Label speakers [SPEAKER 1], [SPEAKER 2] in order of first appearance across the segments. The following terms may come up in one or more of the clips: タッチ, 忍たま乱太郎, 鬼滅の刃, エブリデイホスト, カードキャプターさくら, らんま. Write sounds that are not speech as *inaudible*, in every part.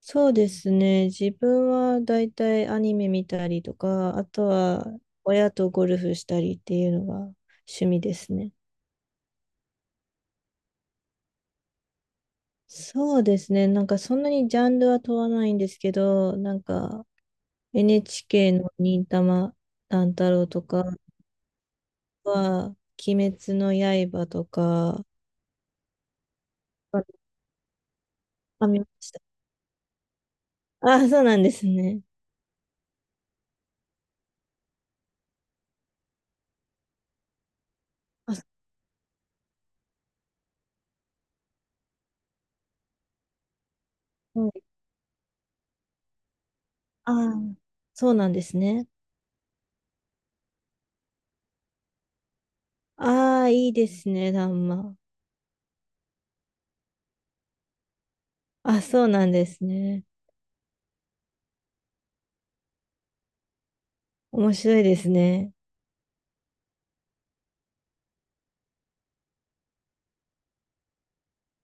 [SPEAKER 1] そうですね。自分はだいたいアニメ見たりとか、あとは親とゴルフしたりっていうのが趣味ですね。そうですね。なんかそんなにジャンルは問わないんですけど、なんか NHK の忍たま乱太郎とかは、鬼滅の刃とか、あ、見ました。あ、そうなんですね。あ、すごい。あ、そうなんですね。ああ、いいですね、らんま。あ、そうなんですね。面白いですね。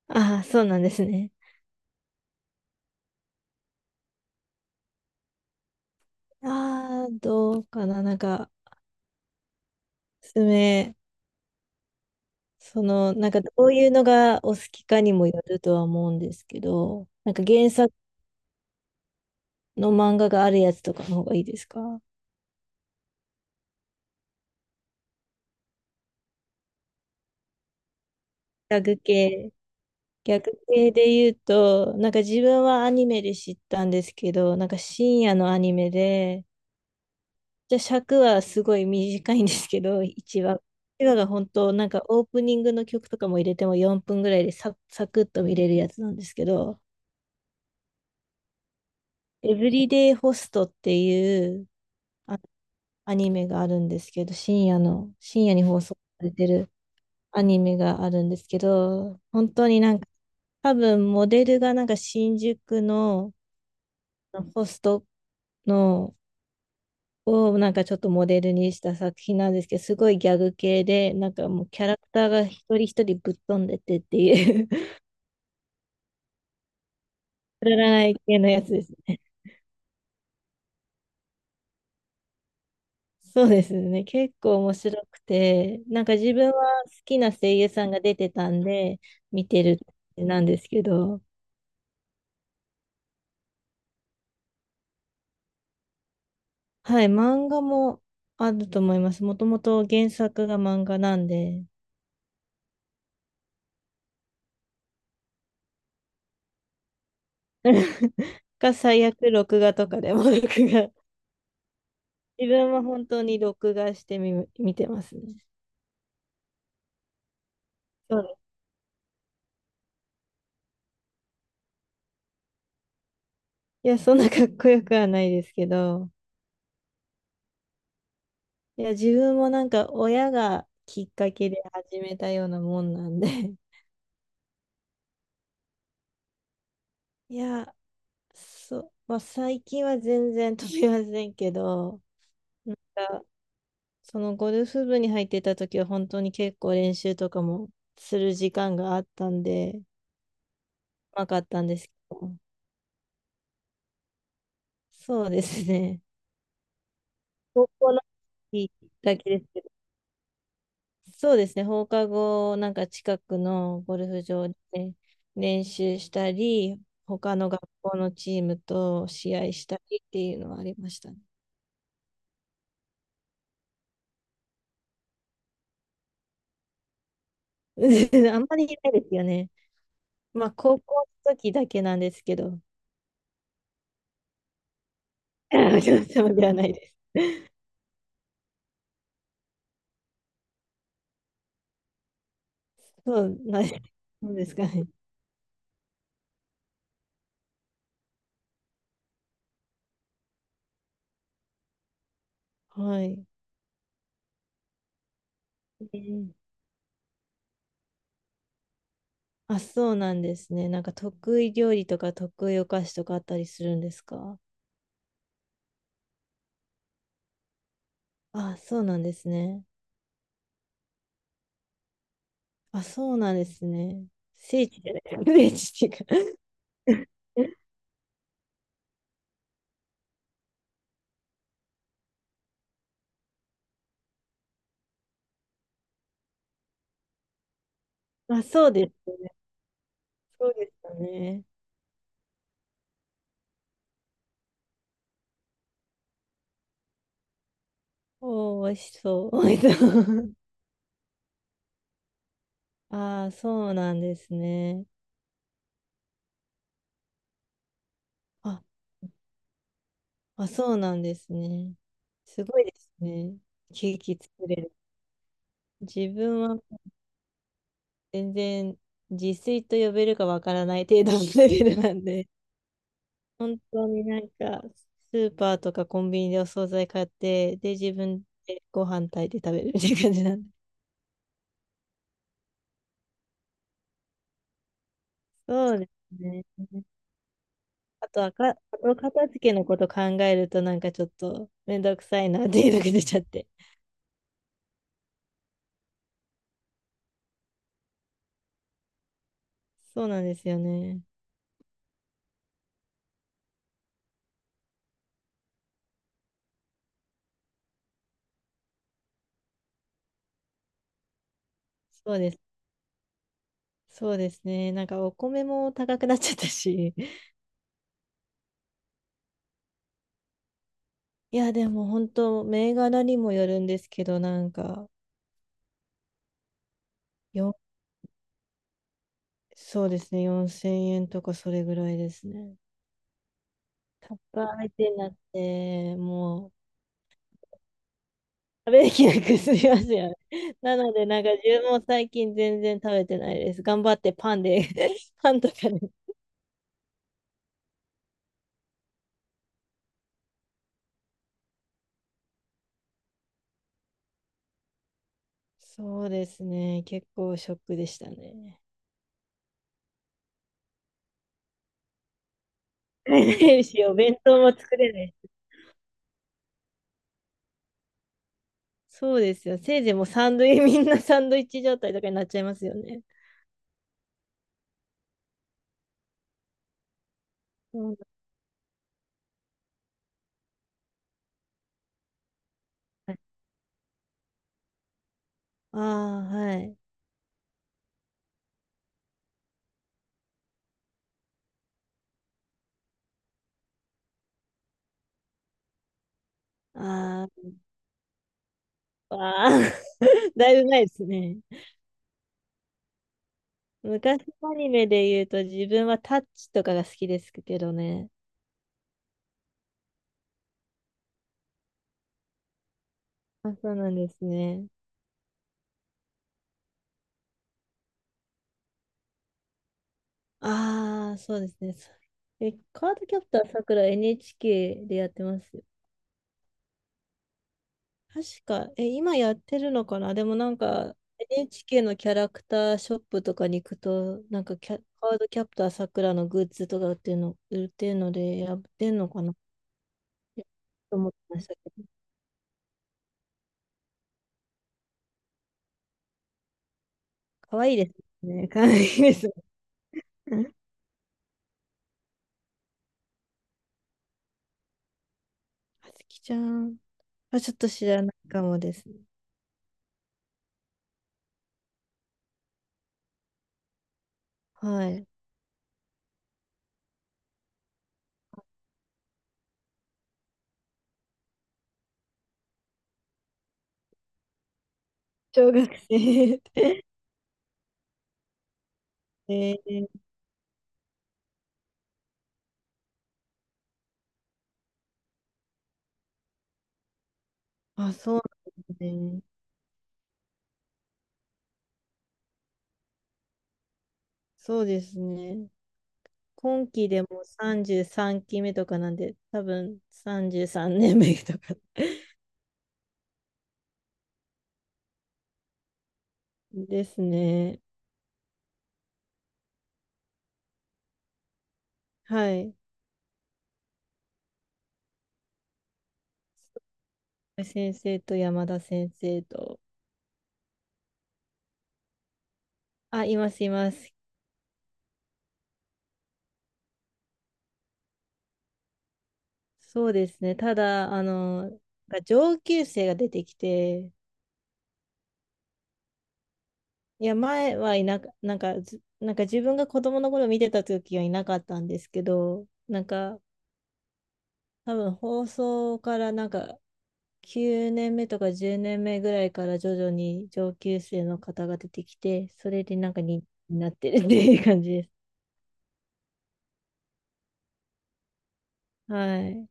[SPEAKER 1] ああ、そうなんですね。ああ、どうかな。なんか、おめ、その、なんか、どういうのがお好きかにもよるとは思うんですけど、なんか原作の漫画があるやつとかの方がいいですか？逆系。逆系で言うと、なんか自分はアニメで知ったんですけど、なんか深夜のアニメで、じゃあ尺はすごい短いんですけど、*laughs* 1話。1話が本当、なんかオープニングの曲とかも入れても4分ぐらいでサクッと見れるやつなんですけど、エブリデイホストっていうあアニメがあるんですけど、深夜に放送されてるアニメがあるんですけど、本当になんか、多分モデルがなんか新宿のホストのをなんかちょっとモデルにした作品なんですけど、すごいギャグ系で、なんかもうキャラクターが一人一人ぶっ飛んでてっていう *laughs* くだらない系のやつですね。*laughs* そうですね。結構面白くて、なんか自分は好きな声優さんが出てたんで、見てるなんですけど、はい、漫画もあると思います。もともと原作が漫画なんで、*laughs* が最悪録画とかでも録画。自分は本当に録画してみ、見てますね。そういや、そんなかっこよくはないですけど、いや、自分もなんか親がきっかけで始めたようなもんなんで、*laughs* いや、そう、まあ、最近は全然飛びませんけど、なんか、そのゴルフ部に入ってた時は本当に結構練習とかもする時間があったんで、うまかったんですけど、そうですね。*laughs* 高校の時だけです。そうですね、放課後、なんか近くのゴルフ場で練習したり、他の学校のチームと試合したりっていうのはありましたね。*laughs* あんまりいないですよね。まあ、高校の時だけなんですけど、*laughs* そうではないです。そうなん *laughs* そうですかね。はい。えー、あ、そうなんですね。なんか得意料理とか得意お菓子とかあったりするんですか？あ、そうなんですね。あ、そうなんですね。聖地じゃないですか。*laughs* 聖地っていうか *laughs* あ、そうです。そうでしたね。おー、美味しそう。*laughs* 美味しそう。*laughs* ああ、そうなんですね。あ、あ、そうなんですね。すごいですね。ケーキ作れる。自分は全然自炊と呼べるかわからない程度のレベルなんで、*laughs* 本当になんか、スーパーとかコンビニでお惣菜買って、で、自分でご飯炊いて食べるみたいな感じなんで。そうですね。あとはか、後片付けのこと考えるとなんかちょっとめんどくさいなっていうのが出ちゃって。*laughs* そうなんですよね。そうです。そうですね。なんかお米も高くなっちゃったし。*laughs* いや、でも本当、銘柄にもよるんですけど、なんか、よ、そうですね。4000円とかそれぐらいですね。高いってなって、もう食べきなくすみますよね。なので、なんか自分も最近全然食べてないです。頑張ってパンで *laughs* パンとかね。そうですね。結構ショックでしたね。*laughs* 買えないし、お弁当も作れない。そうですよ。せいぜいもうサンドイッチ、みんなサンドイッチ状態とかになっちゃいますよね。そうなんだ。ああ、はい。ああ、ああ *laughs* だいぶ前ですね。昔のアニメで言うと自分はタッチとかが好きですけどね。あ、そうなんですね。ああ、そうですね。カードキャプターさくら NHK でやってますよ。確か、え、今やってるのかな？でもなんか NHK のキャラクターショップとかに行くと、なんかカードキャプターさくらのグッズとか売ってるので、やってんのかなって思ってましたけど。かわいいですね。かわいいですね。*laughs* あつきちゃんはちょっと知らないかもですね。はい。小学生。*laughs* えー、あ、そうなんですね。そうですね。今期でも33期目とかなんで、多分33年目とか *laughs* ですね。はい。先生と山田先生と。あ、います、います。そうですね。ただ、あの、上級生が出てきて、いや、前はいなか、なんかず、なんか自分が子供の頃見てた時はいなかったんですけど、なんか、多分放送からなんか9年目とか10年目ぐらいから徐々に上級生の方が出てきて、それでなんか人になってるっていう感じです。はい。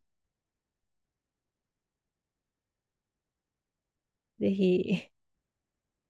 [SPEAKER 1] ぜひ、